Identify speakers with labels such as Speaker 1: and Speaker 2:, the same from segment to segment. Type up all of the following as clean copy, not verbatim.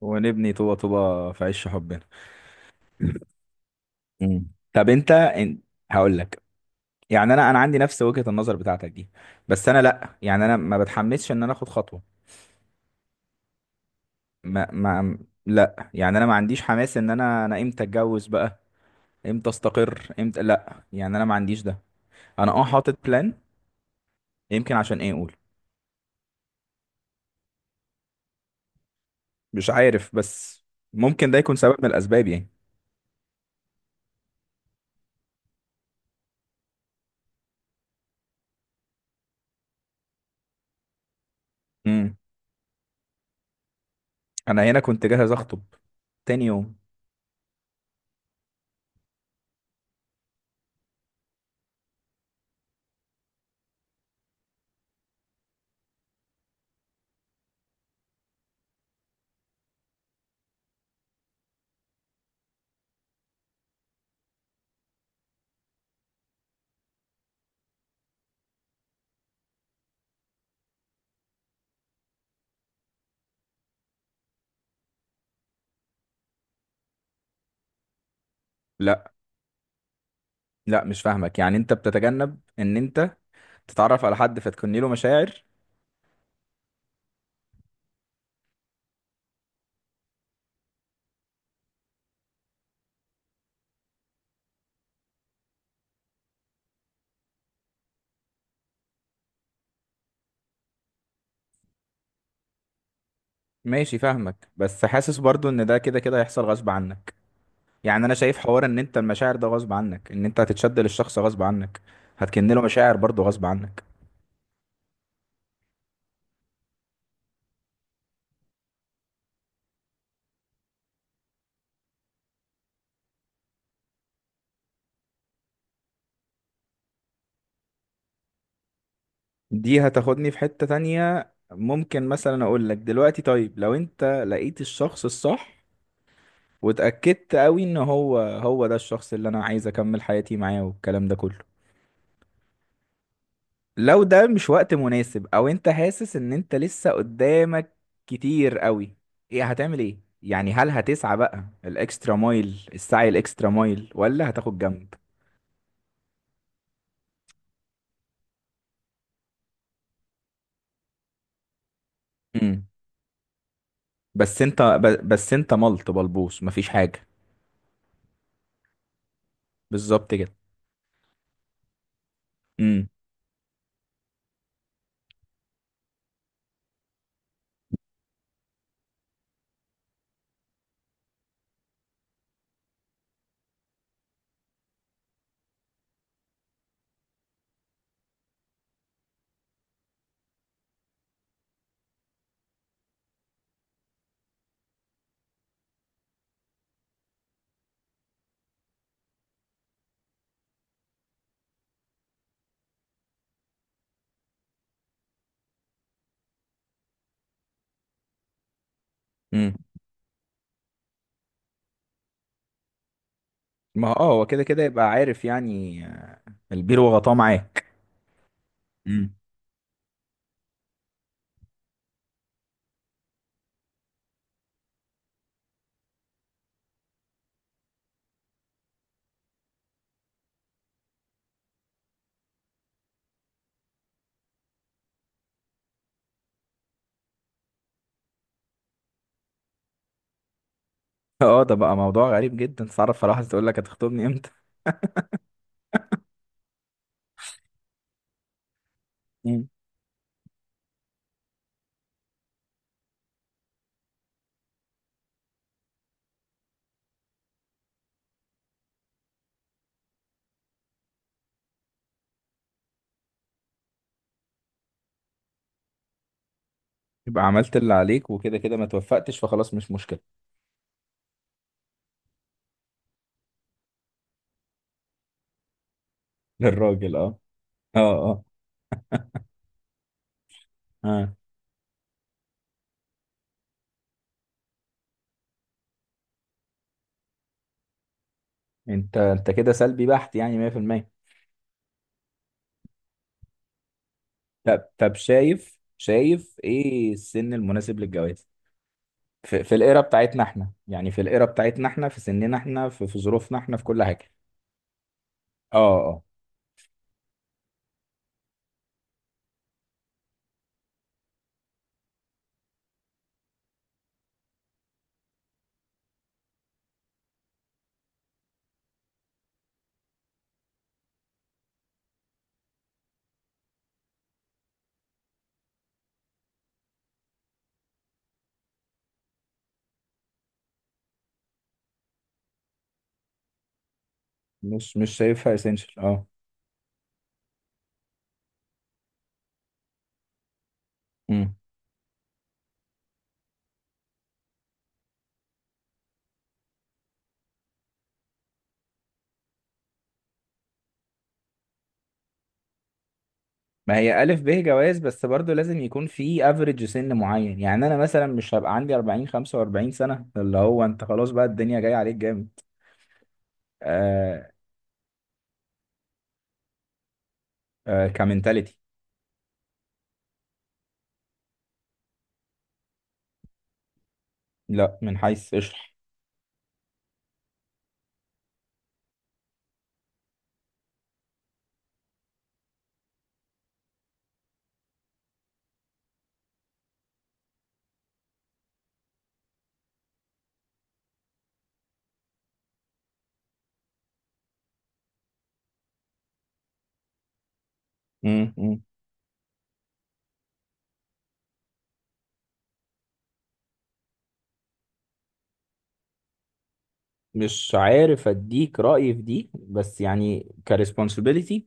Speaker 1: ونبني طوبة طوبة في عش حبنا. مم. طب انت هقول لك. يعني انا عندي نفس وجهة النظر بتاعتك دي. بس انا لا، يعني انا ما بتحمسش ان انا اخد خطوة. ما ما لا يعني انا ما عنديش حماس ان انا امتى اتجوز بقى، امتى استقر، امتى. لا، يعني انا ما عنديش ده. انا حاطط بلان. يمكن عشان ايه؟ اقول مش عارف بس. ممكن ده يكون سبب من الاسباب يعني. امم انا هنا كنت جاهز اخطب تاني يوم. لا، لا، مش فاهمك، يعني انت بتتجنب ان انت تتعرف على حد فتكني له مشاعر؟ ماشي، فاهمك، بس حاسس برضو ان ده كده كده هيحصل غصب عنك. يعني انا شايف حوار ان انت المشاعر ده غصب عنك، ان انت هتتشد للشخص غصب عنك، هتكن له مشاعر برضو غصب عنك. دي هتاخدني في حتة تانية. ممكن مثلا اقول لك دلوقتي، طيب لو انت لقيت الشخص الصح واتأكدت قوي ان هو هو ده الشخص اللي انا عايز اكمل حياتي معاه والكلام ده كله، لو ده مش وقت مناسب او انت حاسس ان انت لسه قدامك كتير قوي، ايه هتعمل ايه يعني، هل هتسعى بقى الاكسترا مايل، السعي الاكسترا مايل، ولا هتاخد جنب؟ امم بس انت بس انت ملط بلبوس مفيش حاجه. بالظبط كده. امم. امم. ما هو هو كده كده يبقى عارف يعني، البير وغطاه معاك. امم. اه، ده بقى موضوع غريب جدا. تعرف فرح تقول لك هتخطبني امتى؟ مم. يبقى عملت اللي عليك، وكده كده ما توفقتش فخلاص، مش مشكله. للراجل، اه. اه، اه. اه. انت كده سلبي بحت يعني 100%. طب شايف ايه السن المناسب للجواز؟ في الايرا بتاعتنا احنا، يعني في الايرا بتاعتنا احنا، في سننا احنا، في ظروفنا احنا، في كل حاجه. اه. اه. مش شايفها اسينشال، اه. امم. ما هي الف ب جواز، بس برضو لازم يكون في افريج سن معين. يعني انا مثلا مش هبقى عندي 40 45 سنه اللي هو انت خلاص بقى الدنيا جايه عليك جامد. آه. آه، كمنتاليتي. لا، من حيث اشرح. مش عارف اديك رأيي في دي، بس يعني كريسبونسبيلتي.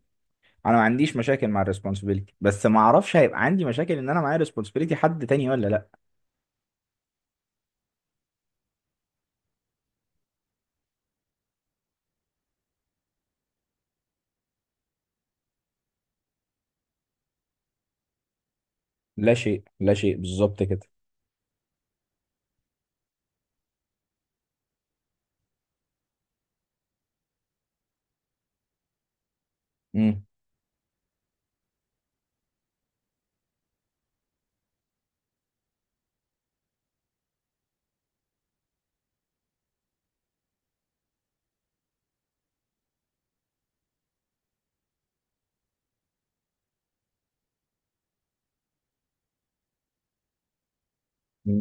Speaker 1: انا ما عنديش مشاكل مع الريسبونسبيلتي، بس ما اعرفش هيبقى عندي مشاكل ان انا معايا ريسبونسبيلتي حد تاني ولا لا. لا شيء، لا شيء. بالظبط كده. امم.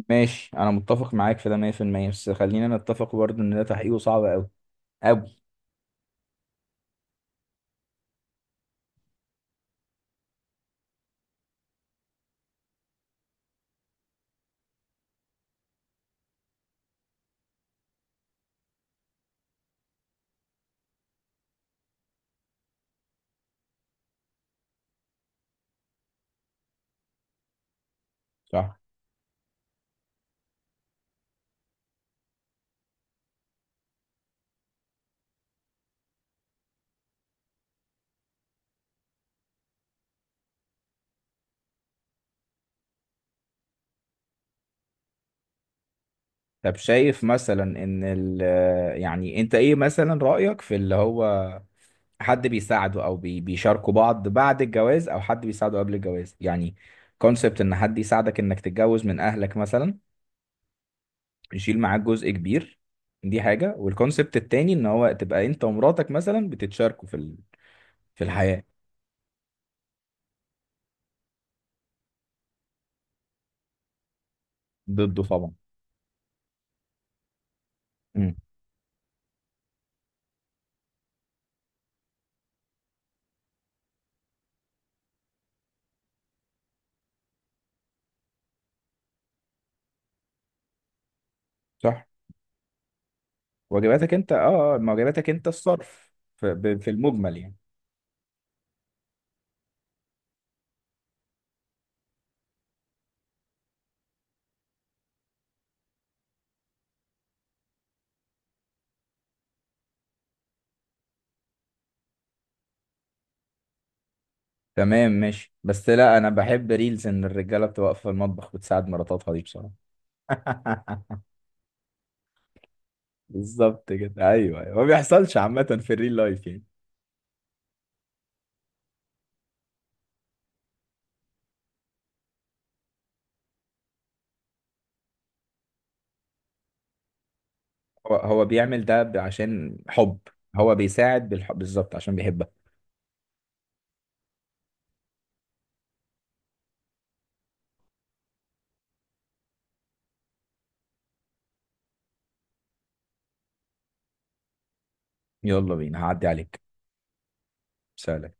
Speaker 1: ماشي، انا متفق معاك في ده 100%، بس خلينا نتفق برضه ان ده تحقيقه صعب قوي قوي. صح. طب شايف مثلا ان يعني انت ايه مثلا رأيك في اللي هو حد بيساعده او بيشاركوا بعض بعد الجواز او حد بيساعده قبل الجواز يعني؟ كونسبت ان حد يساعدك انك تتجوز من اهلك مثلا يشيل معاك جزء كبير، دي حاجة. والكونسبت التاني ان هو تبقى انت ومراتك مثلا بتتشاركوا في في الحياة. ضده طبعا. امم. صح. واجباتك انت، ما واجباتك انت الصرف في المجمل يعني. تمام، ماشي، بس لا، انا بحب ريلز ان الرجالة بتبقى واقفة في المطبخ بتساعد مراتاتها دي بصراحة. بالظبط كده، ايوه، ايوه. ما بيحصلش عامة في الريل لايف يعني. هو بيعمل ده عشان حب. هو بيساعد بالحب بالظبط عشان بيحبك. يلا بينا، هعدي عليك. سلام.